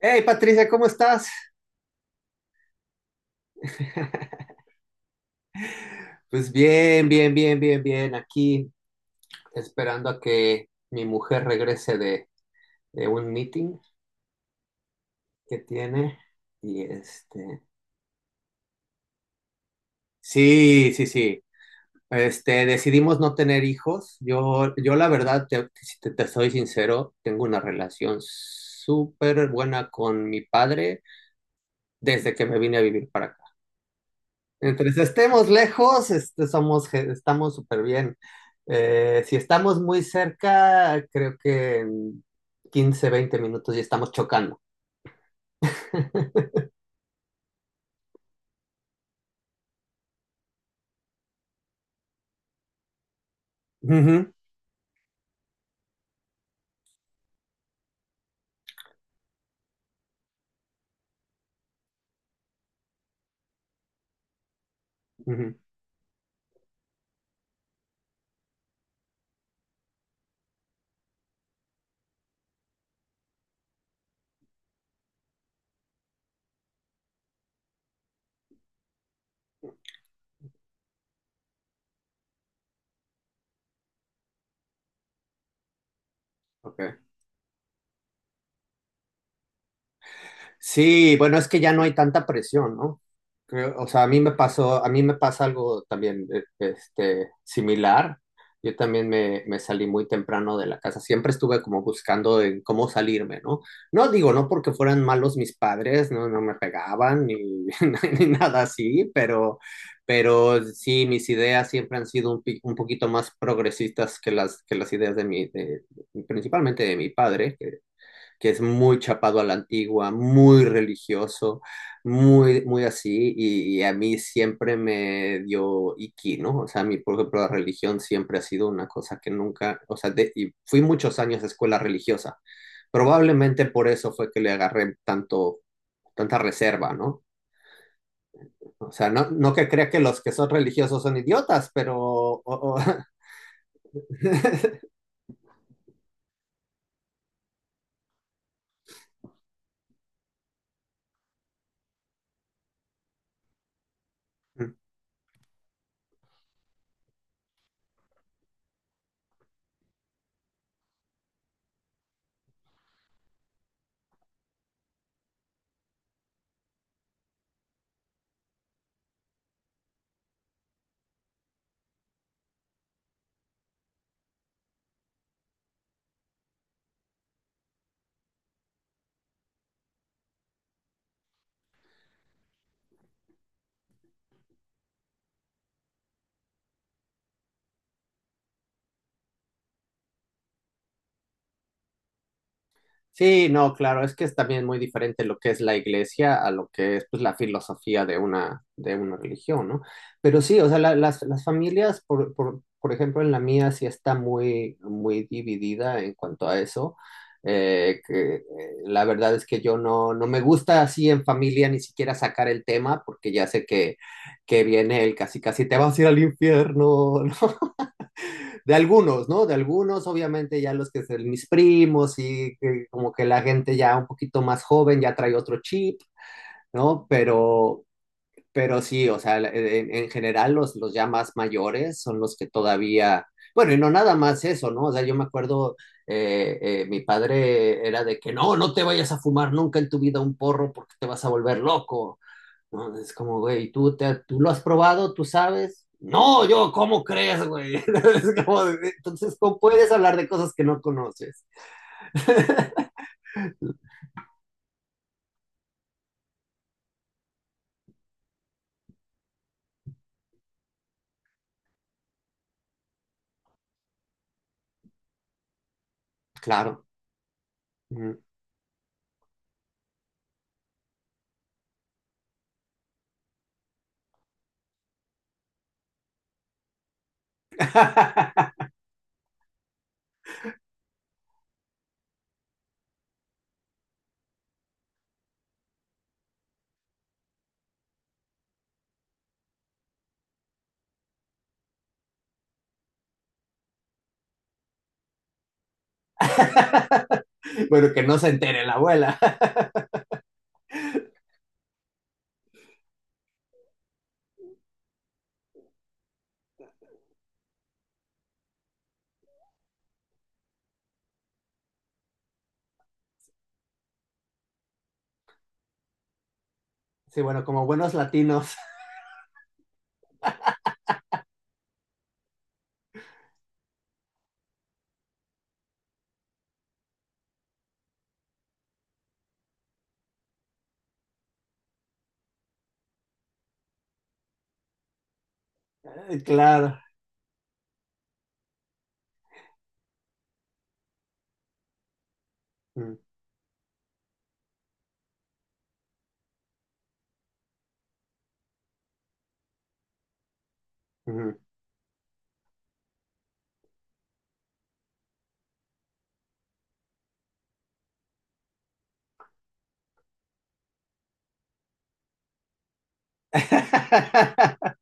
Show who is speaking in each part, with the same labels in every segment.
Speaker 1: Hey Patricia, ¿cómo estás? Pues bien, bien, bien, bien, bien. Aquí esperando a que mi mujer regrese de un meeting que tiene. Y este, sí, sí, sí. Este, decidimos no tener hijos. Yo la verdad, si te soy sincero, tengo una relación súper buena con mi padre desde que me vine a vivir para acá. Entre si estemos lejos, este, estamos súper bien. Si estamos muy cerca, creo que en 15, 20 minutos ya estamos chocando. Ujú, ujú, ok. Sí, bueno, es que ya no hay tanta presión, ¿no? O sea, a mí me pasa algo también este, similar. Yo también me salí muy temprano de la casa. Siempre estuve como buscando en cómo salirme, ¿no? No digo, no porque fueran malos mis padres, no, no me pegaban ni, ni nada así, pero sí, mis ideas siempre han sido un poquito más progresistas que que las ideas principalmente de mi padre, que es muy chapado a la antigua, muy religioso, muy, muy así, y a mí siempre me dio iki, ¿no? O sea, a mí, por ejemplo, la religión siempre ha sido una cosa que nunca, o sea, y fui muchos años a escuela religiosa. Probablemente por eso fue que le agarré tanta reserva, ¿no? O sea, no, no que crea que los que son religiosos son idiotas, pero Sí, no, claro, es que es también muy diferente lo que es la iglesia a lo que es pues, la filosofía de una religión, ¿no? Pero sí, o sea, las familias, por ejemplo, en la mía sí está muy, muy dividida en cuanto a eso. Eh, que, eh, la verdad es que yo no, no me gusta así en familia ni siquiera sacar el tema porque ya sé que viene el casi casi te vas a ir al infierno, de algunos, ¿no? De algunos, obviamente ya los que son mis primos y que como que la gente ya un poquito más joven ya trae otro chip, ¿no? Pero sí, o sea, en general los ya más mayores son los que todavía, bueno, y no nada más eso, ¿no? O sea, yo me acuerdo, mi padre era de que no, no te vayas a fumar nunca en tu vida un porro porque te vas a volver loco, no, es como, güey, ¿tú lo has probado? ¿Tú sabes? No, ¿cómo crees, güey? Es como, entonces, ¿cómo puedes hablar de cosas que no conoces? Claro. Mm. Bueno, que no se entere la abuela. Sí, bueno, como buenos latinos. Claro. Mm, mm.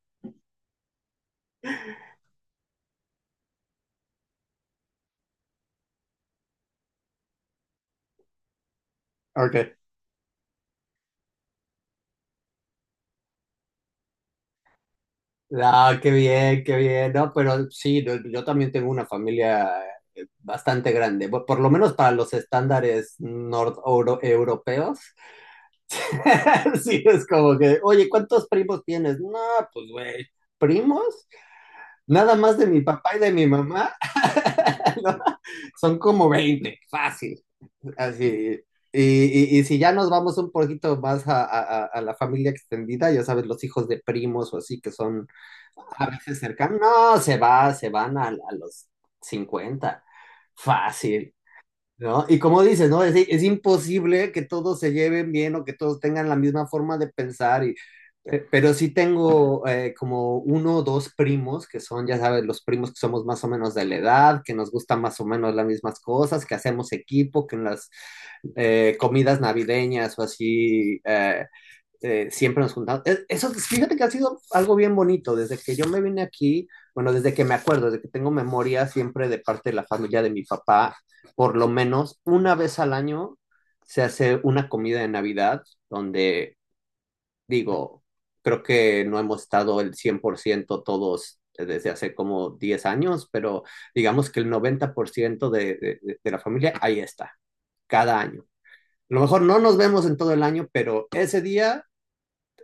Speaker 1: Ok. Ah, qué bien, qué bien. No, pero sí, no, yo también tengo una familia bastante grande, por lo menos para los estándares nord europeos. Sí, es como que, oye, ¿cuántos primos tienes? No, pues, güey, ¿primos? Nada más de mi papá y de mi mamá. ¿no? Son como 20 fácil, así. Y si ya nos vamos un poquito más a la familia extendida, ya sabes, los hijos de primos o así que son a veces cercanos, no, se van a los 50 fácil. ¿No? Y como dices, ¿no? Es imposible que todos se lleven bien o que todos tengan la misma forma de pensar, y, pero sí tengo como uno o dos primos que son, ya sabes, los primos que somos más o menos de la edad, que nos gustan más o menos las mismas cosas, que hacemos equipo, que en las comidas navideñas o así, siempre nos juntamos. Eso, fíjate que ha sido algo bien bonito. Desde que yo me vine aquí, bueno, desde que me acuerdo, desde que tengo memoria, siempre de parte de la familia de mi papá, por lo menos una vez al año se hace una comida de Navidad donde, digo, creo que no hemos estado el 100% todos desde hace como 10 años, pero digamos que el 90% de la familia ahí está, cada año. A lo mejor no nos vemos en todo el año, pero ese día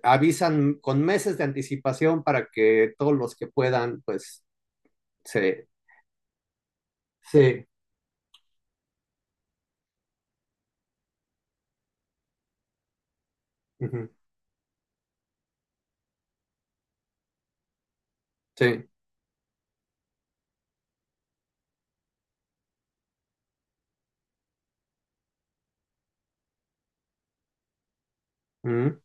Speaker 1: avisan con meses de anticipación para que todos los que puedan, pues, se... Sí. Ujú, Sí. Ujú,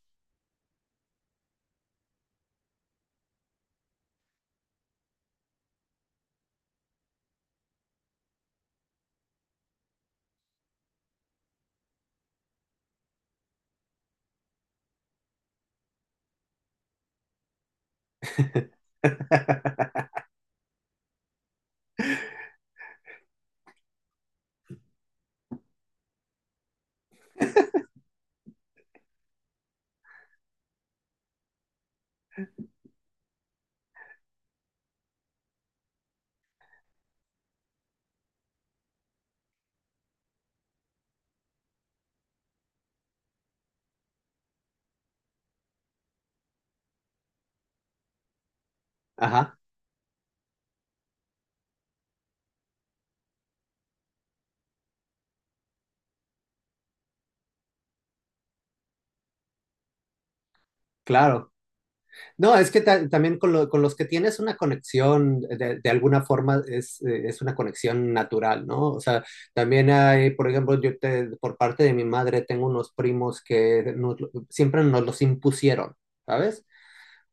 Speaker 1: Ajá, claro. No, es que también con los que tienes una conexión, de alguna forma es una conexión natural, ¿no? O sea, también hay, por ejemplo, por parte de mi madre tengo unos primos que siempre nos los impusieron, ¿sabes?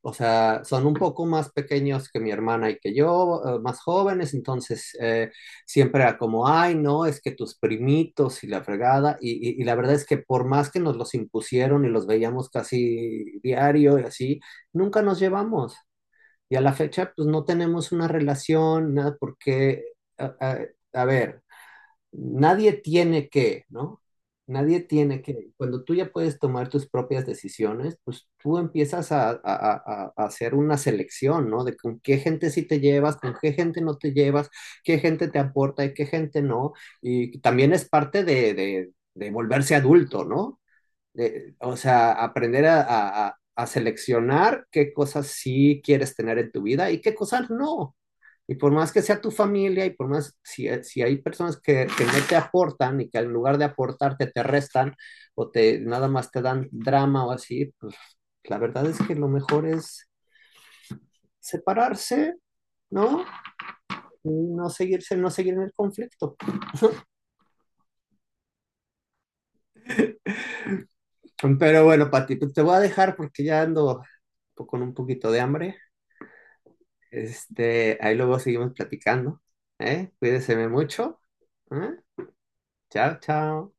Speaker 1: O sea, son un poco más pequeños que mi hermana y que yo, más jóvenes, entonces siempre era como, ay, no, es que tus primitos y la fregada, y la verdad es que por más que nos los impusieron y los veíamos casi diario y así, nunca nos llevamos. Y a la fecha, pues no tenemos una relación, nada, porque, a, a- a ver, nadie tiene que, ¿no? Nadie tiene que. Cuando tú ya puedes tomar tus propias decisiones, pues tú empiezas a hacer una selección, ¿no? De con qué gente sí te llevas, con qué gente no te llevas, qué gente te aporta y qué gente no. Y también es parte de volverse adulto, ¿no? O sea, aprender a seleccionar qué cosas sí quieres tener en tu vida y qué cosas no. Y por más que sea tu familia y por más, si hay personas que no te aportan y que en lugar de aportarte te restan o te nada más te dan drama o así, pues la verdad es que lo mejor es separarse, ¿no? Y no seguirse, no seguir en el conflicto. Pero bueno, Pati, pues te voy a dejar porque ya ando con un poquito de hambre. Este, ahí luego seguimos platicando. ¿Eh? Cuídeseme mucho. ¿Eh? Chao, chao.